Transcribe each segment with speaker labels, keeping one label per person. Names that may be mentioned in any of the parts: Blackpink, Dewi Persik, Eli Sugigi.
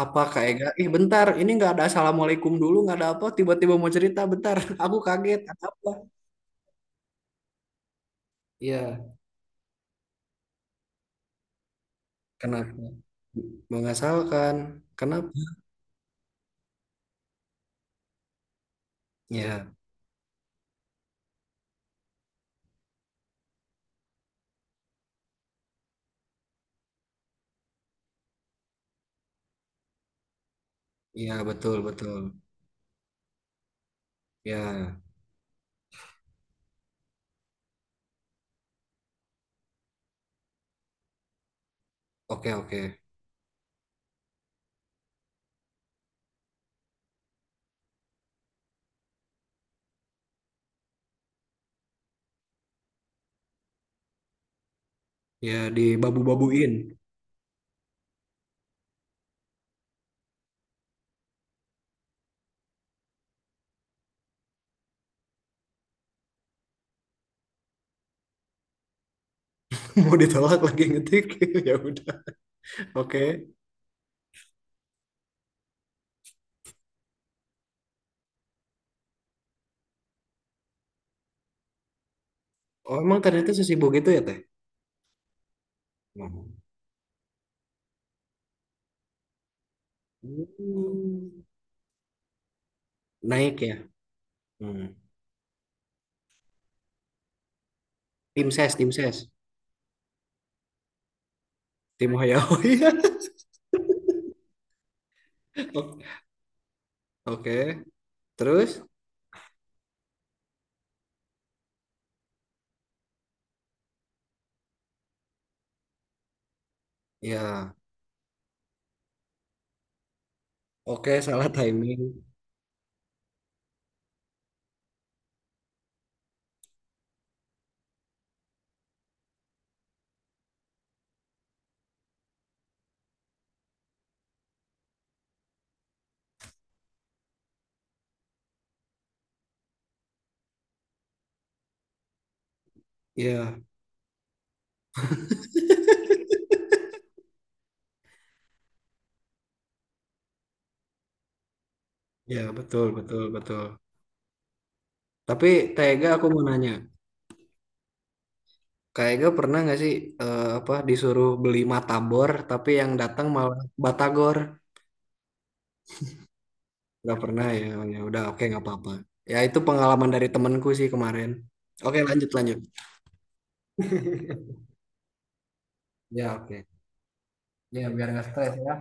Speaker 1: Apa Kak Ega? Ih bentar, ini nggak ada assalamualaikum dulu, nggak ada apa, tiba-tiba mau cerita, bentar. Aku kaget, ada apa? Iya, kenapa? Mengasalkan, kenapa? Ya, ya betul, betul. Ya, oke, oke. Ya, dibabu-babuin. Mau ditolak lagi ngetik, ya udah. Oke. Oh, emang ternyata sesibuk itu ya, Teh? Hmm. Hmm. Naik ya? Hmm. Tim ses, tim ses. Tim hoya hoya. Oke, terus? Ya. Oke, salah timing. Iya, iya betul, betul, betul. Tapi Tega aku mau nanya, Kak Ega pernah nggak sih apa disuruh beli matabor, tapi yang datang malah batagor? Nggak pernah ya. Ya udah, oke nggak apa-apa. Ya itu pengalaman dari temanku sih kemarin. Oke, lanjut, lanjut. Ya oke. Ya biar nggak stres ya.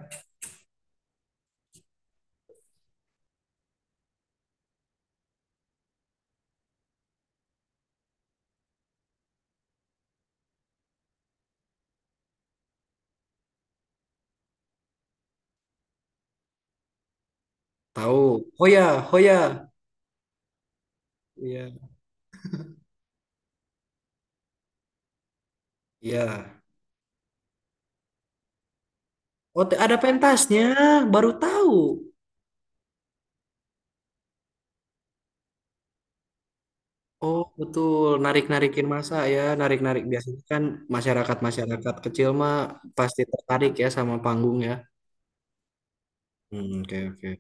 Speaker 1: Tahu. Hoya, hoya. Iya. Iya. Oh, ada pentasnya, baru tahu. Oh betul, narik-narikin masa ya, narik-narik biasanya kan masyarakat-masyarakat kecil mah pasti tertarik ya sama panggung ya. Hmm, oke oke.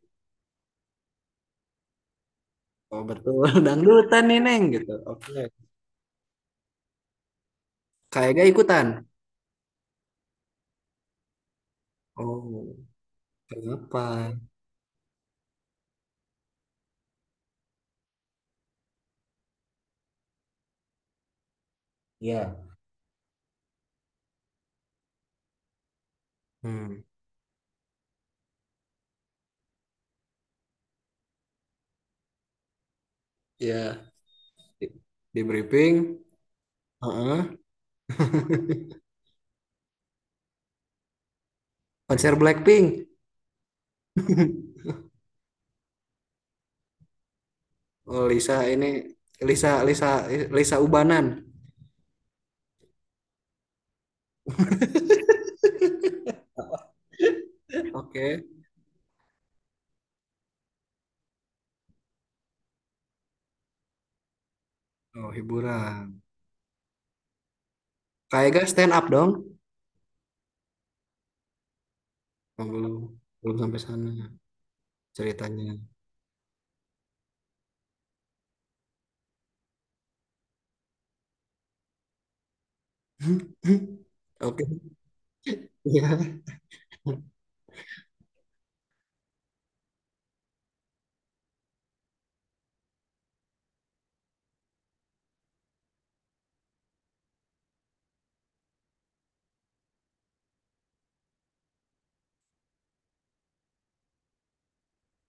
Speaker 1: Oh betul, dangdutan nih Neng gitu. Oke. Kayaknya ikutan. Oh, kenapa? Ya, hmm, ya di, di briefing. Heeh. Konser Blackpink. Oh Lisa ini Lisa Lisa Lisa Ubanan. Oke. Oh hiburan. Kayaknya stand up dong. Oh, belum belum sampai sana ceritanya. Oke, ya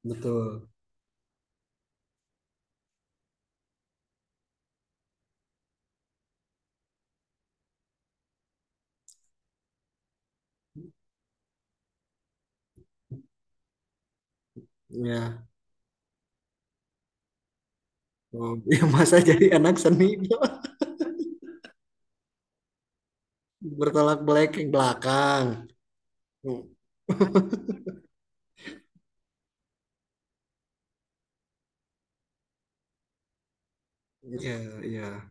Speaker 1: betul. Ya, oh, ya masa jadi anak seni bertolak belakang belakang. Ya, ya.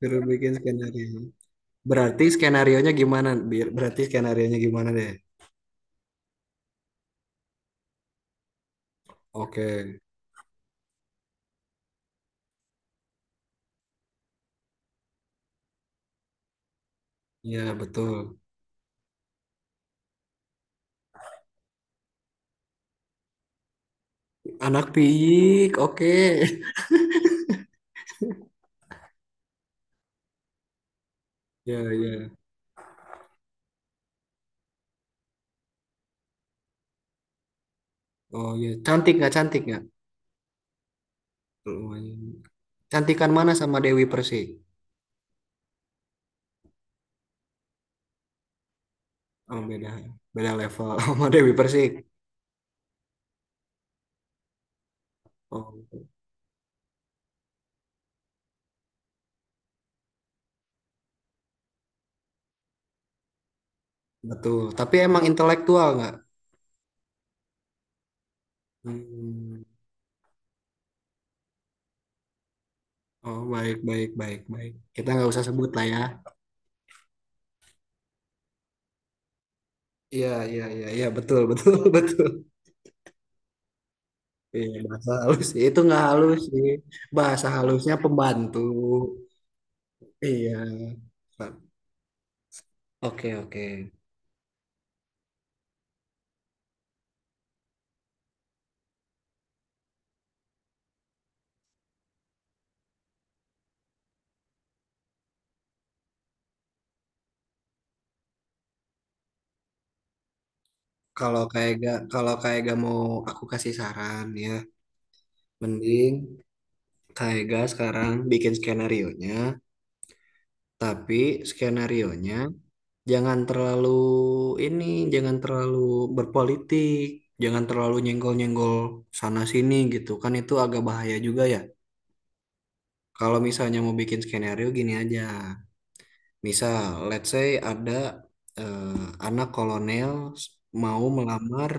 Speaker 1: Suruh bikin skenario. Berarti skenarionya gimana? Berarti skenarionya gimana deh? Oke. Ya, betul. Anak piik. Oke. Ya, ya. Oh, ya. Cantik nggak? Cantik nggak? Lumayan. Cantikan mana sama Dewi Persik? Oh, beda beda level sama Dewi Persik. Oh, betul. Tapi emang intelektual nggak? Hmm. Oh, baik baik baik baik. Kita nggak usah sebut lah ya. Iya iya iya iya betul betul betul. Iya bahasa halus itu nggak halus sih. Bahasa halusnya pembantu. Iya. Oke oke. Kalau kayak gak mau aku kasih saran ya, mending kayak gak sekarang bikin skenario nya, tapi skenario nya jangan terlalu ini, jangan terlalu berpolitik, jangan terlalu nyenggol-nyenggol sana sini gitu. Kan itu agak bahaya juga ya. Kalau misalnya mau bikin skenario gini aja. Misal, let's say ada eh, anak kolonel s- mau melamar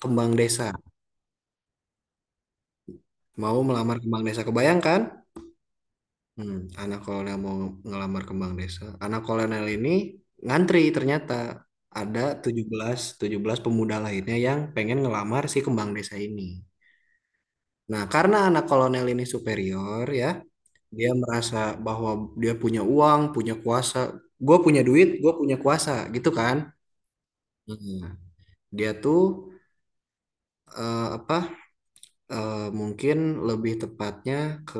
Speaker 1: kembang desa, mau melamar kembang desa. Kebayang kan? Hmm, anak kolonel mau ngelamar kembang desa. Anak kolonel ini ngantri ternyata ada tujuh belas pemuda lainnya yang pengen ngelamar si kembang desa ini. Nah, karena anak kolonel ini superior ya, dia merasa bahwa dia punya uang, punya kuasa. Gue punya duit, gue punya kuasa, gitu kan? Nah, dia tuh apa? Mungkin lebih tepatnya ke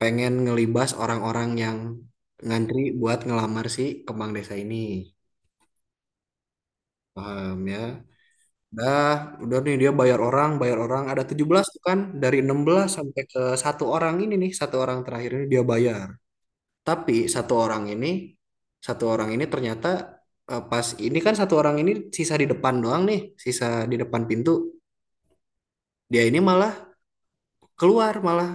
Speaker 1: pengen ngelibas orang-orang yang ngantri buat ngelamar si kembang desa ini. Paham ya. Dah, udah nih dia bayar orang ada tujuh belas tuh kan dari enam belas sampai ke satu orang ini nih, satu orang terakhir ini dia bayar. Tapi satu orang ini ternyata pas ini kan satu orang ini sisa di depan doang nih, sisa di depan pintu. Dia ini malah keluar, malah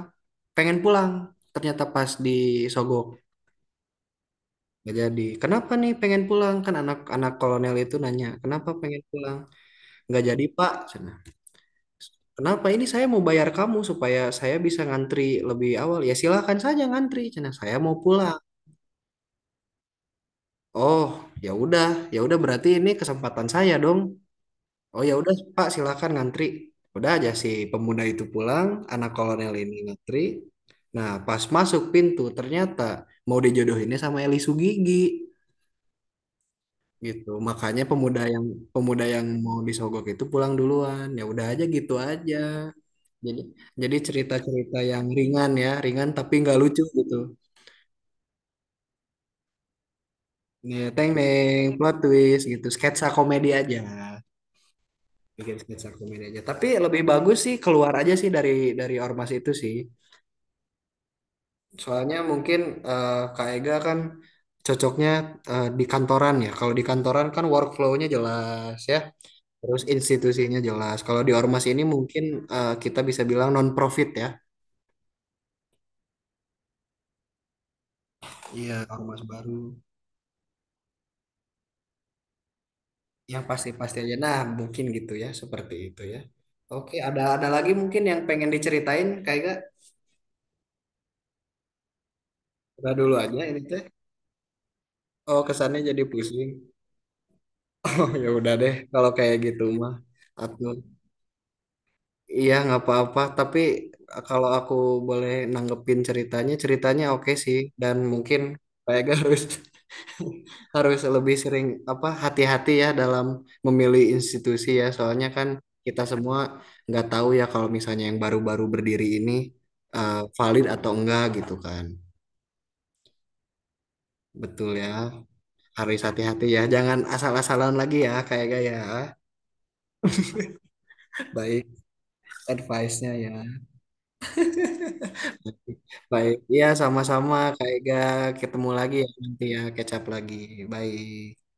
Speaker 1: pengen pulang. Ternyata pas disogok nggak jadi. Kenapa nih pengen pulang? Kan anak-anak kolonel itu nanya, "Kenapa pengen pulang?" Nggak jadi, Pak. Kenapa ini saya mau bayar kamu supaya saya bisa ngantri lebih awal? Ya silahkan saja ngantri, cina saya mau pulang. Oh, ya udah, ya udah berarti ini kesempatan saya dong. Oh ya udah Pak, silahkan ngantri. Udah aja si pemuda itu pulang, anak kolonel ini ngantri. Nah, pas masuk pintu ternyata mau dijodohinnya sama Eli Sugigi gitu. Makanya pemuda yang mau disogok itu pulang duluan. Ya udah aja gitu aja. Jadi, jadi, cerita-cerita yang ringan ya, ringan tapi nggak lucu gitu. Ya, teng neng, plot twist gitu, sketsa komedi aja, bikin sketsa komedi aja. Tapi lebih bagus sih keluar aja sih dari ormas itu sih. Soalnya mungkin Kak Ega kan cocoknya di kantoran ya. Kalau di kantoran kan workflow-nya jelas ya, terus institusinya jelas. Kalau di ormas ini mungkin kita bisa bilang non-profit ya. Iya, ormas baru. Yang pasti-pasti aja. Nah, mungkin gitu ya, seperti itu ya. Oke, ada lagi mungkin yang pengen diceritain, kayak gak? Udah dulu aja ini teh. Oh, kesannya jadi pusing. Oh, ya udah deh, kalau kayak gitu mah. Aku iya nggak apa-apa, tapi kalau aku boleh nanggepin ceritanya, oke sih, dan mungkin kayak gak harus. Harus lebih sering apa hati-hati ya dalam memilih institusi ya, soalnya kan kita semua nggak tahu ya kalau misalnya yang baru-baru berdiri ini valid atau enggak gitu kan. Betul ya, harus hati-hati ya jangan asal-asalan lagi ya kayak gaya. Baik, advice-nya ya. Baik ya, sama-sama kayak gak. Ketemu lagi ya nanti ya, kecap lagi. Baik.